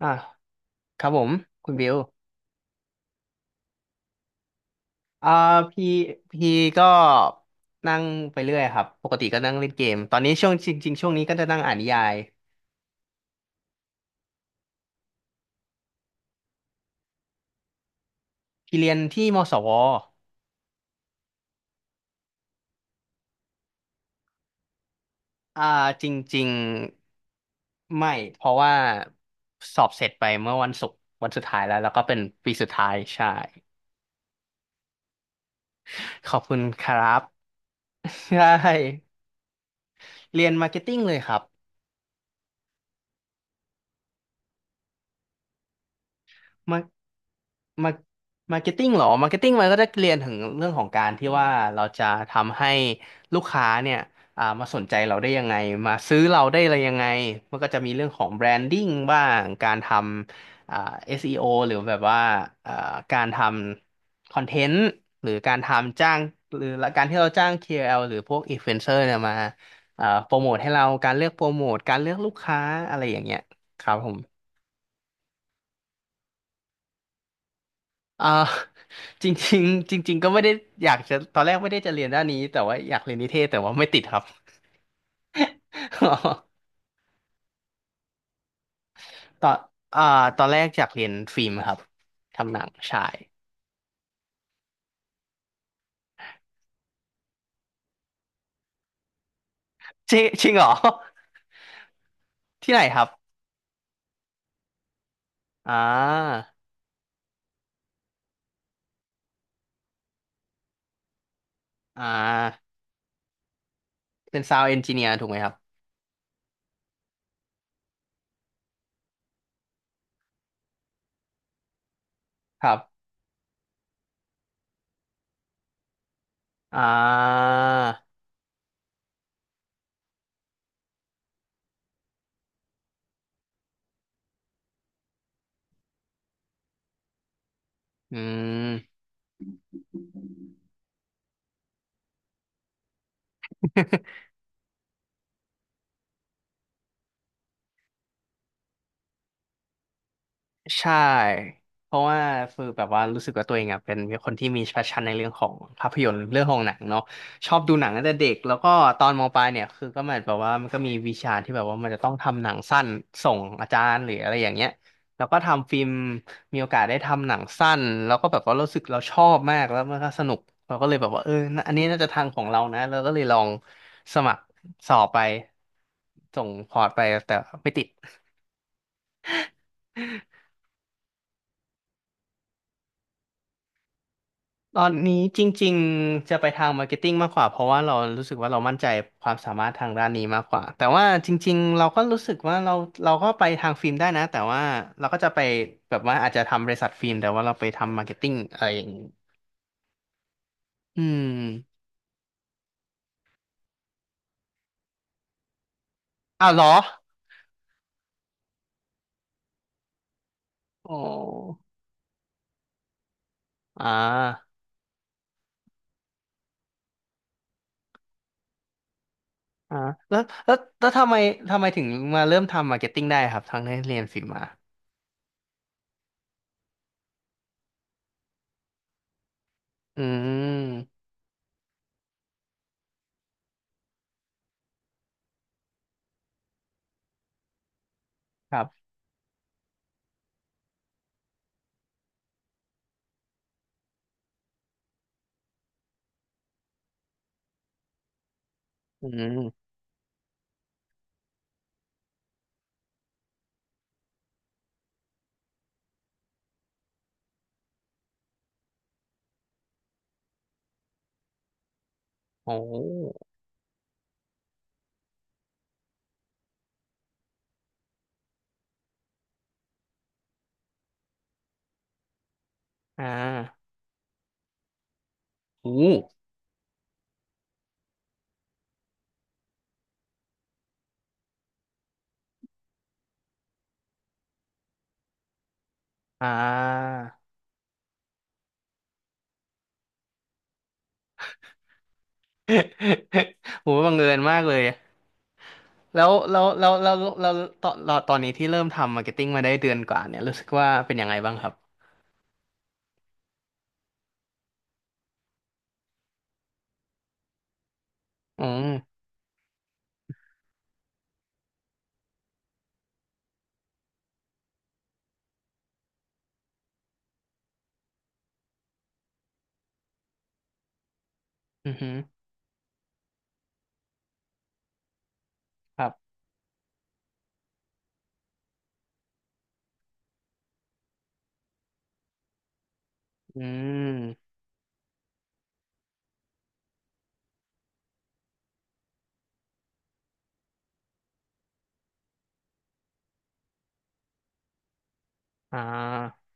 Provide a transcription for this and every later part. อ่ะครับผมคุณบิวอ่าพี่พี่ก็นั่งไปเรื่อยครับปกติก็นั่งเล่นเกมตอนนี้ช่วงจริงๆช่วงนี้ก็จะนั่งอ่านนิยายพี่เรียนที่มศวอ่าจริงๆไม่เพราะว่าสอบเสร็จไปเมื่อวันศุกร์วันสุดท้ายแล้วแล้วก็เป็นปีสุดท้ายใช่ขอบคุณครับ ใช่เรียนมาร์เก็ตติ้งเลยครับ มามามาร์เก็ตติ้งเหรอมาร์เก็ตติ้งมันก็จะเรียนถึงเรื่องของการที่ว่าเราจะทำให้ลูกค้าเนี่ยมาสนใจเราได้ยังไงมาซื้อเราได้อะไรยังไงมันก็จะมีเรื่องของแบรนดิ้งบ้างการทำs e อโอหรือแบบว่าอ่าการทำคอนเทนต์หรือการทำจ้างหรือการที่เราจ้าง k อ l หรือพวกอินฟลูเอนเซอร์เนี่ยมาโปรโมทให้เราการเลือกโปรโมทการเลือกลูกค้าอะไรอย่างเงี้ยครับผม อ่า จริงๆจริงๆก็ไม่ได้อยากจะตอนแรกไม่ได้จะเรียนด้านนี้แต่ว่าอยากเรียนนิเทศแต่ว่าไม่ติดครับ ตอนอ่าตอนแรกอยากเรียนฟิล์มครับทำหนังใชายจริงจริงเหรอที่ไหนครับอ่าอ่าเป็นซาว n d เอนจิเนียร์ถูกไหมครับครับอ่าอืม ใช่เพราะว่าคือแบบว่ารู้สึกว่าตัวเองอ่ะเป็นคนที่มี passion ในเรื่องของภาพยนตร์เรื่องของหนังเนาะชอบดูหนังตั้งแต่เด็กแล้วก็ตอนมปลายเนี่ยคือก็เหมือนแบบว่ามันก็มีวิชาที่แบบว่ามันจะต้องทำหนังสั้นส่งอาจารย์หรืออะไรอย่างเงี้ยแล้วก็ทำฟิล์มมีโอกาสได้ทำหนังสั้นแล้วก็แบบว่ารู้สึกเราชอบมากแล้วมันก็สนุกเราก็เลยแบบว่าเออน่ะอันนี้น่าจะทางของเรานะเราก็เลยลองสมัครสอบไปส่งพอร์ตไปแต่ไม่ติด ตอนนี้จริงๆจะไปทางมาร์เก็ตติ้งมากกว่าเพราะว่าเรารู้สึกว่าเรามั่นใจความสามารถทางด้านนี้มากกว่าแต่ว่าจริงๆเราก็รู้สึกว่าเราก็ไปทางฟิล์มได้นะแต่ว่าเราก็จะไปแบบว่าอาจจะทำบริษัทฟิล์มแต่ว่าเราไปทำมาร์เก็ตติ้งอะไรอย่างนี้อืมอ้าวเหรอโอ้อ่าอ่าแล้วแล้วทำไมทำไมถึงมาเริ่มทำมาร์เก็ตติ้งได้ครับทั้งที่เรียนฟิล์มมาอืมครับอืมโอ้อ่าโอ้อ่า โหบังเอิญมากเลย แล้วตอนตอนนี้ที่เริ่มทำมาร์เก็ตติ้งมาได้เดือนกว่าเนี่ย รู้สึกว่าเป็นยังไงบ้างครับอืมอือหือครับอืมอ่า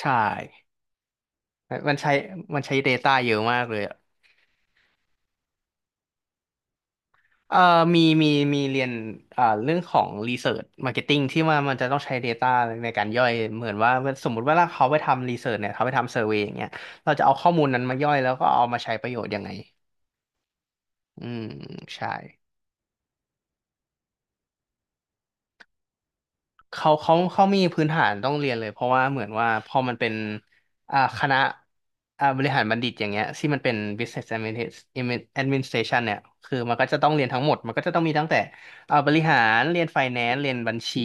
ใช่มันใช้มันใช้ Data เยอะมากเลยอะเอ่อมีมีมีเรียนเรื่องของ Research Marketing ที่ว่ามันจะต้องใช้ Data ในการย่อย เหมือนว่าสมมุติว่าเขาไปทำ Research เนี่ยเขาไปทำ Survey อย่างเงี้ยเราจะเอาข้อมูลนั้นมาย่อยแล้วก็เอามาใช้ประโยชน์ยังไงอืมใช่ เขามีพื้นฐานต้องเรียนเลยเพราะว่าเหมือนว่าพอมันเป็นคณะบริหารบัณฑิตอย่างเงี้ยที่มันเป็น Administration เนี่ยคือมันก็จะต้องเรียนทั้งหมดมันก็จะต้องมีตั้งแต่บริหารเรียน Finance เรียนบัญชี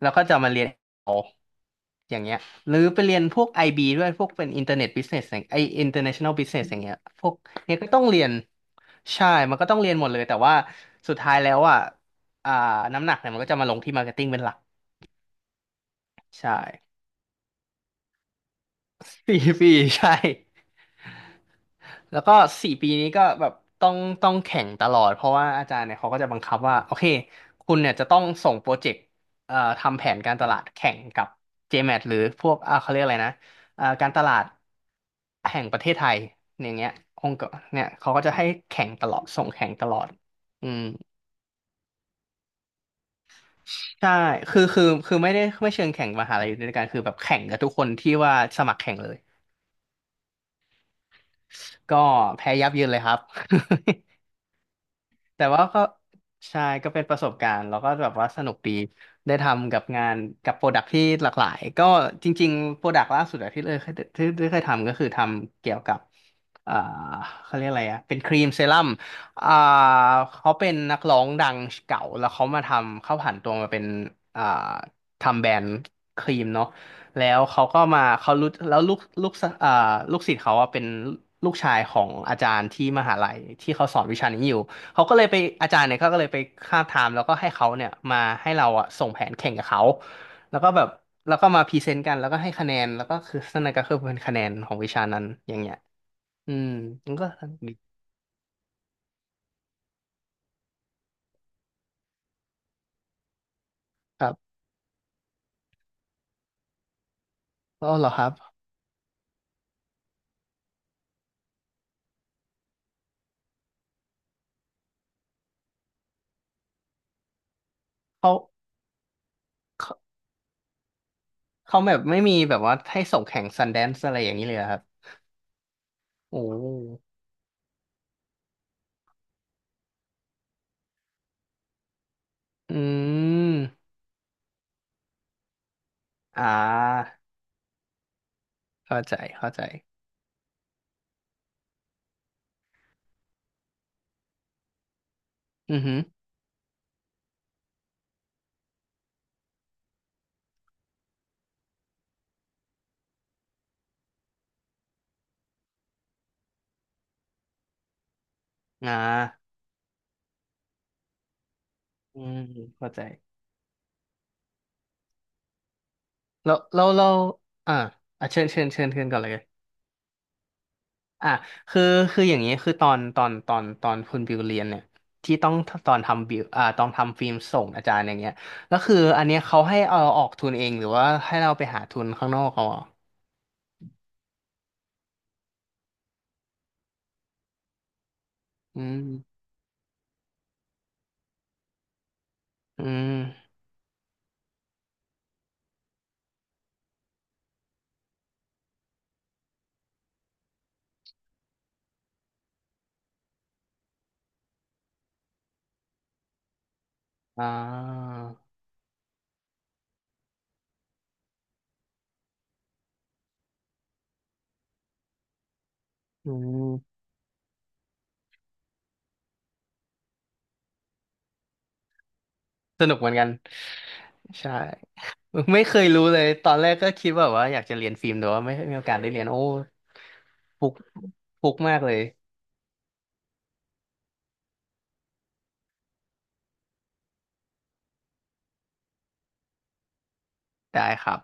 แล้วก็จะมาเรียนเอาอย่างเงี้ยหรือไปเรียนพวกไอบีด้วยพวกเป็น Internet Business อย่างไอ International Business อย่างเงี้ยพวกเนี้ยก็ต้องเรียนใช่มันก็ต้องเรียนหมดเลยแต่ว่าสุดท้ายแล้วอ่ะอ่าน้ำหนักเนี่ยมันก็จะมาลงที่ Marketing เป็นหลัก ใช่ สี่ปีใช่แล้วก็สี่ปีนี้ก็แบบต้องต้องแข่งตลอดเพราะว่าอาจารย์เนี่ยเขาก็จะบังคับว่าโอเคคุณเนี่ยจะต้องส่งโปรเจกต์ทำแผนการตลาดแข่งกับ JMAT หรือพวกเขาเรียกอะไรนะการตลาดแห่งประเทศไทยอย่างเงี้ยองค์กรเนี่ยเขาก็จะให้แข่งตลอดส่งแข่งตลอดอืมใช่คือไม่ได้ไม่เชิงแข่งมหาลัยอยู่ด้วยกันคือแบบแข่งกับทุกคนที่ว่าสมัครแข่งเลยก็แพ้ยับเยินเลยครับ แต่ว่าก็ใช่ก็เป็นประสบการณ์แล้วก็แบบว่าสนุกดีได้ทำกับงานกับโปรดักที่หลากหลายก็จริงๆโปรดักล่าสุดอะที่เลยเคยที่เคยทำก็คือทำเกี่ยวกับอ่าเขาเรียกอะไรอะเป็นครีมเซรั่มอ่าเขาเป็นนักร้องดังเก่าแล้วเขามาทำเขาผันตัวมาเป็นอ่าทำแบรนด์ครีมเนาะแล้วเขาก็มาเขารู้แล้วลูกศิษย์เขาอะเป็นลูกชายของอาจารย์ที่มหาลัยที่เขาสอนวิชานี้อยู่ เขาก็เลยไปอาจารย์เนี่ยเขาก็เลยไปคาบถามแล้วก็ให้เขาเนี่ยมาให้เราอะส่งแผนแข่งกับเขาแล้วก็แบบแล้วก็มาพรีเซนต์กันแล้วก็ให้คะแนนแล้วก็คือนั่นก็คือเป็นคะแนนของวิชานั้นอย่างเงี้ยอืมมันก็สนุกดีครับอ๋อเหรอครับเขาเขาเขาแบบไม่มีแบบว่าให้ส่งแข่งซันแดนซ์อะไรอย่างนี้เลยเหรอครับโอ้อืมอ่าเข้าใจเข้าใจอือหืออ่าอืมเข้าใจแล้วแล้วเราอ่าอ่ะเชิญก่อนเลย อ่ะคือคืออย่างนี้คือตอนคุณบิวเรียนเนี่ยที่ต้องตอนทำบิวตอนทำฟิล์มส่งอาจารย์อย่างเงี้ยแล้วคืออันเนี้ยเขาให้เอาออกทุนเองหรือว่าให้เราไปหาทุนข้างนอกเขาอ่ะอืมอืมอ่าอืมสนุกเหมือนกันใช่ไม่เคยรู้เลยตอนแรกก็คิดแบบว่าอยากจะเรียนฟิล์มแต่ว่าไม่มีโอกาสได้เรียนโอ้ฟุกฟุกมากเลยได้ครับ